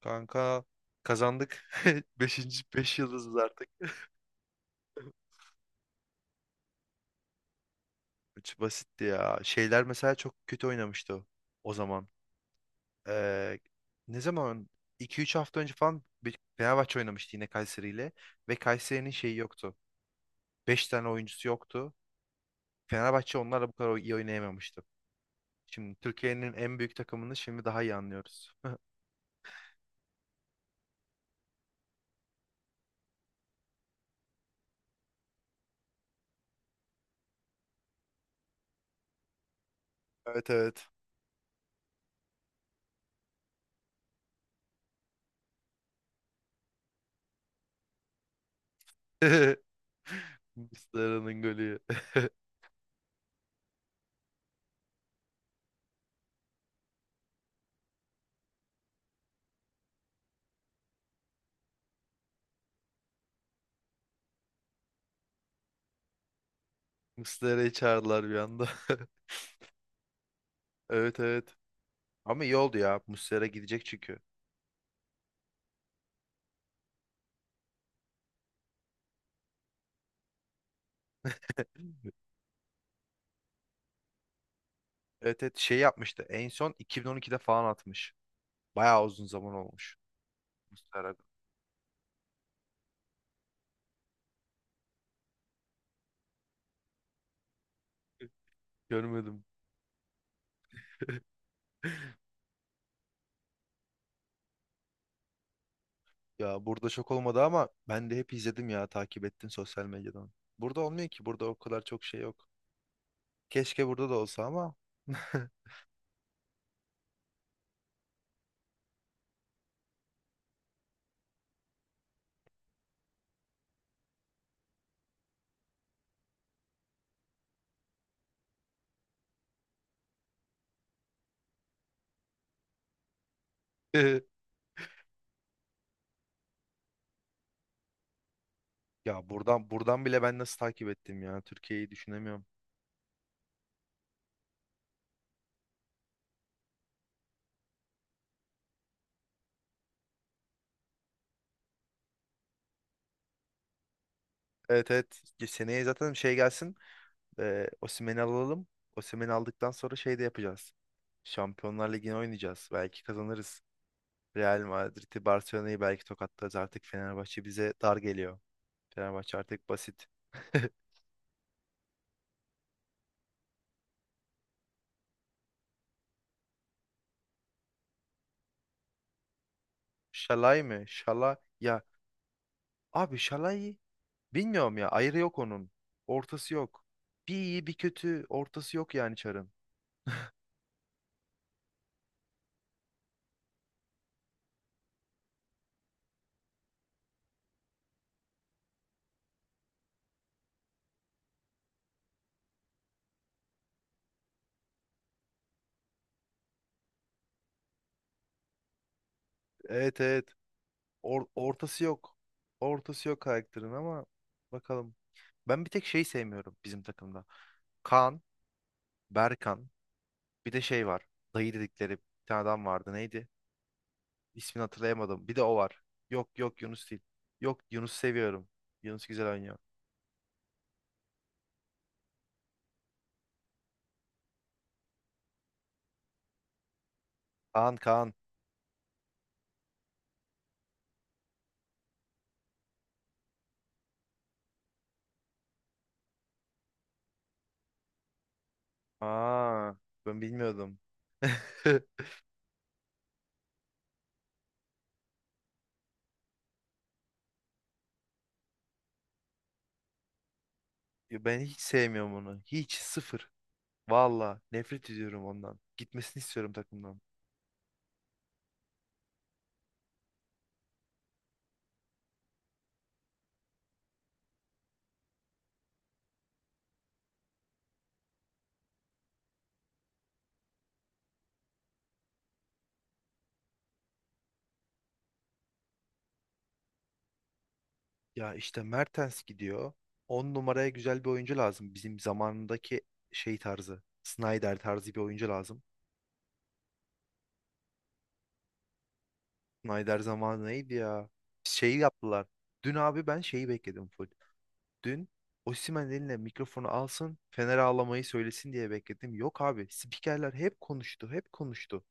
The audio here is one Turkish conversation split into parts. Kanka kazandık. Beşinci, 5 yıldızız artık. Üç basitti ya. Şeyler mesela çok kötü oynamıştı o zaman. Ee, Ne zaman? 2 3 hafta önce falan Fenerbahçe oynamıştı yine Kayseri ile. Ve Kayseri'nin şeyi yoktu. 5 tane oyuncusu yoktu. Fenerbahçe onlarla bu kadar iyi oynayamamıştı. Şimdi Türkiye'nin en büyük takımını şimdi daha iyi anlıyoruz. Evet, evet. Muslera'nın golü. Muslera'yı çağırdılar bir anda. Evet, evet. Ama iyi oldu ya. Muslera gidecek çünkü. Evet, evet, şey yapmıştı. En son 2012'de falan atmış. Bayağı uzun zaman olmuş. Muslera. Görmedim. Ya burada şok olmadı ama ben de hep izledim ya, takip ettim sosyal medyadan. Burada olmuyor ki, burada o kadar çok şey yok. Keşke burada da olsa ama. Ya buradan bile ben nasıl takip ettim ya, Türkiye'yi düşünemiyorum. Evet, evet, seneye zaten şey gelsin. Osimhen'i alalım. Osimhen'i aldıktan sonra şey de yapacağız. Şampiyonlar Ligi'ni oynayacağız. Belki kazanırız. Real Madrid'i, Barcelona'yı belki tokatlarız. Artık Fenerbahçe bize dar geliyor. Fenerbahçe artık basit. Şalay mı? Şala ya. Abi Şalay bilmiyorum ya. Ayrı yok onun. Ortası yok. Bir iyi bir kötü. Ortası yok yani Çar'ın. Evet, evet. Ortası yok. Ortası yok karakterin ama bakalım. Ben bir tek şey sevmiyorum bizim takımda. Kaan Berkan. Bir de şey var. Dayı dedikleri bir tane adam vardı. Neydi? İsmini hatırlayamadım. Bir de o var. Yok, yok, Yunus değil. Yok, Yunus seviyorum. Yunus güzel oynuyor. Kaan Kaan. Aa, ben bilmiyordum. Ya ben hiç sevmiyorum onu. Hiç, sıfır. Valla nefret ediyorum ondan. Gitmesini istiyorum takımdan. Ya işte Mertens gidiyor. 10 numaraya güzel bir oyuncu lazım. Bizim zamanındaki şey tarzı. Snyder tarzı bir oyuncu lazım. Snyder zamanı neydi ya? Şey yaptılar. Dün abi ben şeyi bekledim full. Dün Osimhen eline mikrofonu alsın, Fener ağlamayı söylesin diye bekledim. Yok abi, spikerler hep konuştu, hep konuştu.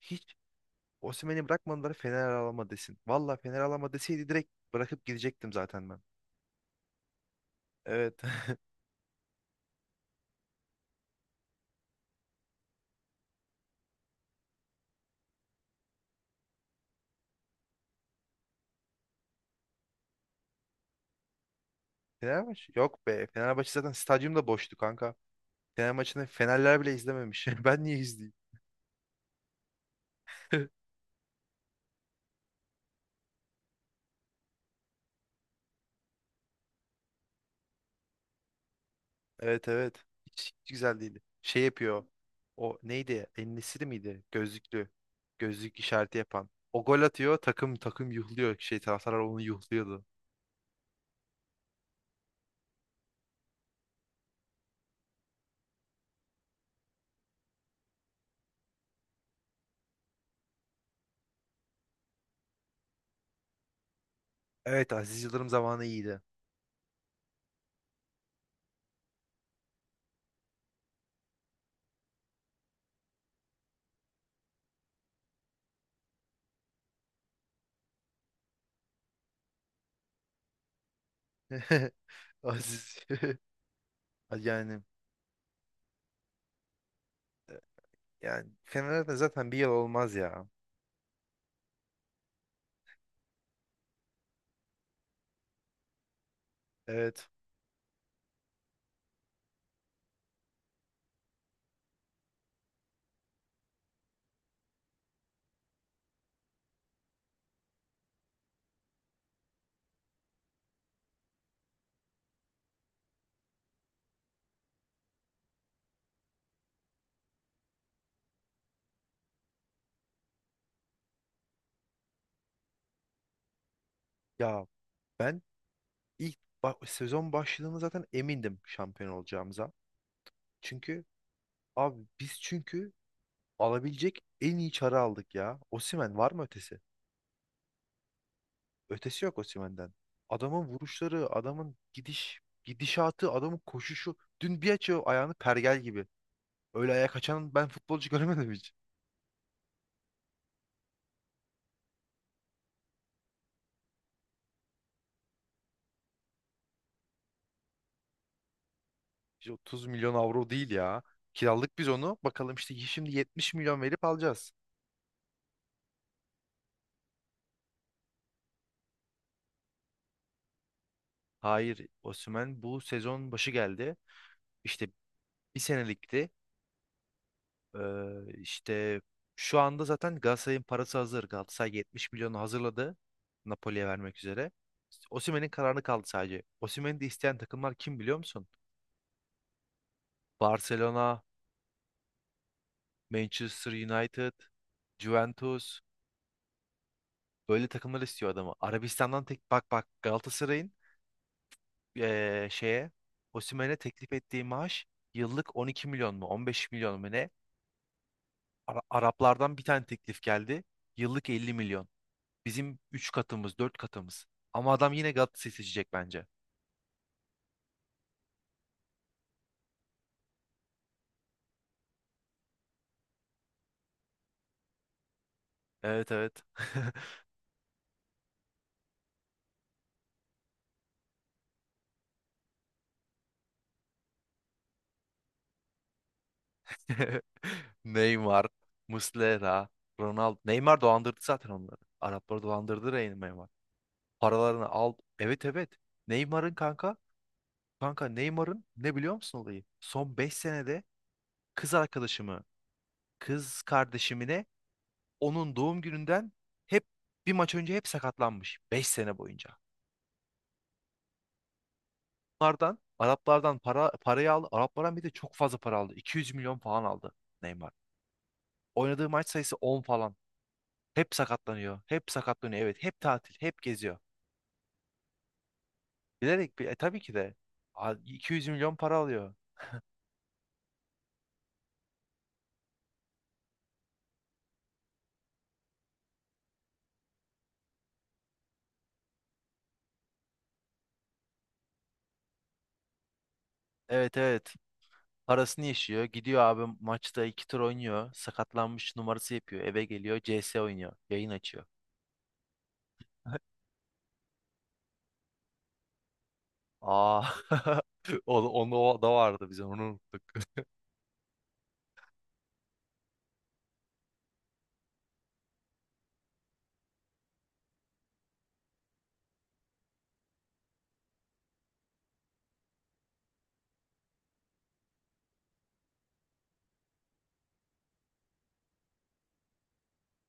Hiç Osimhen'i bırakmadılar Fener ağlama desin. Valla Fener ağlama deseydi direkt bırakıp gidecektim zaten ben. Evet. Fenerbahçe? Yok be. Fenerbahçe zaten stadyum da boştu kanka. Fener maçını Fenerler bile izlememiş. Ben niye izleyeyim? Evet, evet. Hiç, hiç güzel değildi. Şey yapıyor. O neydi? Ennesiri miydi? Gözlüklü. Gözlük işareti yapan. O gol atıyor. Takım takım yuhluyor. Şey taraftarlar onu yuhluyordu. Evet, Aziz Yıldırım zamanı iyiydi. Aziz. Yani yani Fener'de zaten bir yıl olmaz ya. Evet. Ya ben ilk sezon başladığında zaten emindim şampiyon olacağımıza. Çünkü abi biz çünkü alabilecek en iyi çarı aldık ya. Osimhen var mı ötesi? Ötesi yok Osimhen'den. Adamın vuruşları, adamın gidiş, gidişatı, adamın koşuşu. Dün bir açıyor ayağını pergel gibi. Öyle ayak açan ben futbolcu görmedim hiç. İşte 30 milyon avro değil ya. Kiralık biz onu. Bakalım işte şimdi 70 milyon verip alacağız. Hayır, Osimhen bu sezon başı geldi. İşte bir senelikti. İşte şu anda zaten Galatasaray'ın parası hazır. Galatasaray 70 milyonu hazırladı Napoli'ye vermek üzere. İşte Osimhen'in kararı kaldı sadece. Osimhen'i de isteyen takımlar kim biliyor musun? Barcelona, Manchester United, Juventus böyle takımlar istiyor adamı. Arabistan'dan tek bak bak Galatasaray'ın şeye Osimhen'e teklif ettiği maaş yıllık 12 milyon mu, 15 milyon mu ne? Araplardan bir tane teklif geldi. Yıllık 50 milyon. Bizim 3 katımız, 4 katımız. Ama adam yine Galatasaray seçecek bence. Evet, evet. Neymar, Muslera, Ronaldo. Neymar dolandırdı zaten onları. Arapları dolandırdı Neymar. Paralarını al. Evet, evet. Neymar'ın kanka. Kanka Neymar'ın ne biliyor musun olayı? Son 5 senede kız arkadaşımı, kız kardeşimine onun doğum gününden hep bir maç önce hep sakatlanmış. 5 sene boyunca. Araplardan parayı aldı. Araplardan bir de çok fazla para aldı. 200 milyon falan aldı Neymar. Oynadığı maç sayısı 10 falan. Hep sakatlanıyor. Hep sakatlanıyor. Evet, hep tatil, hep geziyor. Bilerek bir tabii ki de 200 milyon para alıyor. Evet, evet. Parasını yaşıyor. Gidiyor abi maçta 2 tur oynuyor. Sakatlanmış numarası yapıyor. Eve geliyor. CS oynuyor. Yayın açıyor. Aa. Onu o da vardı bizim. Onu unuttuk.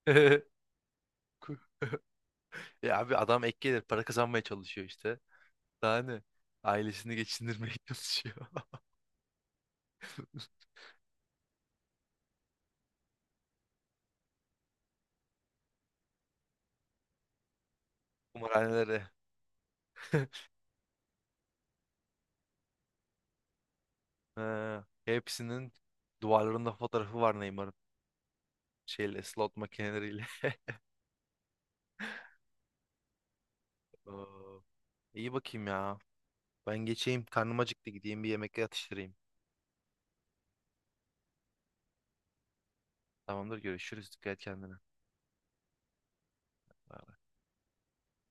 Ya abi adam ek gelir para kazanmaya çalışıyor işte. Daha ne? Ailesini geçindirmeye çalışıyor. Kumarhanelere. Ha, hepsinin duvarlarında fotoğrafı var Neymar'ın. Şeyle, slot makineleriyle. Oo, İyi bakayım ya. Ben geçeyim. Karnım acıktı. Gideyim bir yemek atıştırayım. Tamamdır. Görüşürüz. Dikkat et kendine. Bye.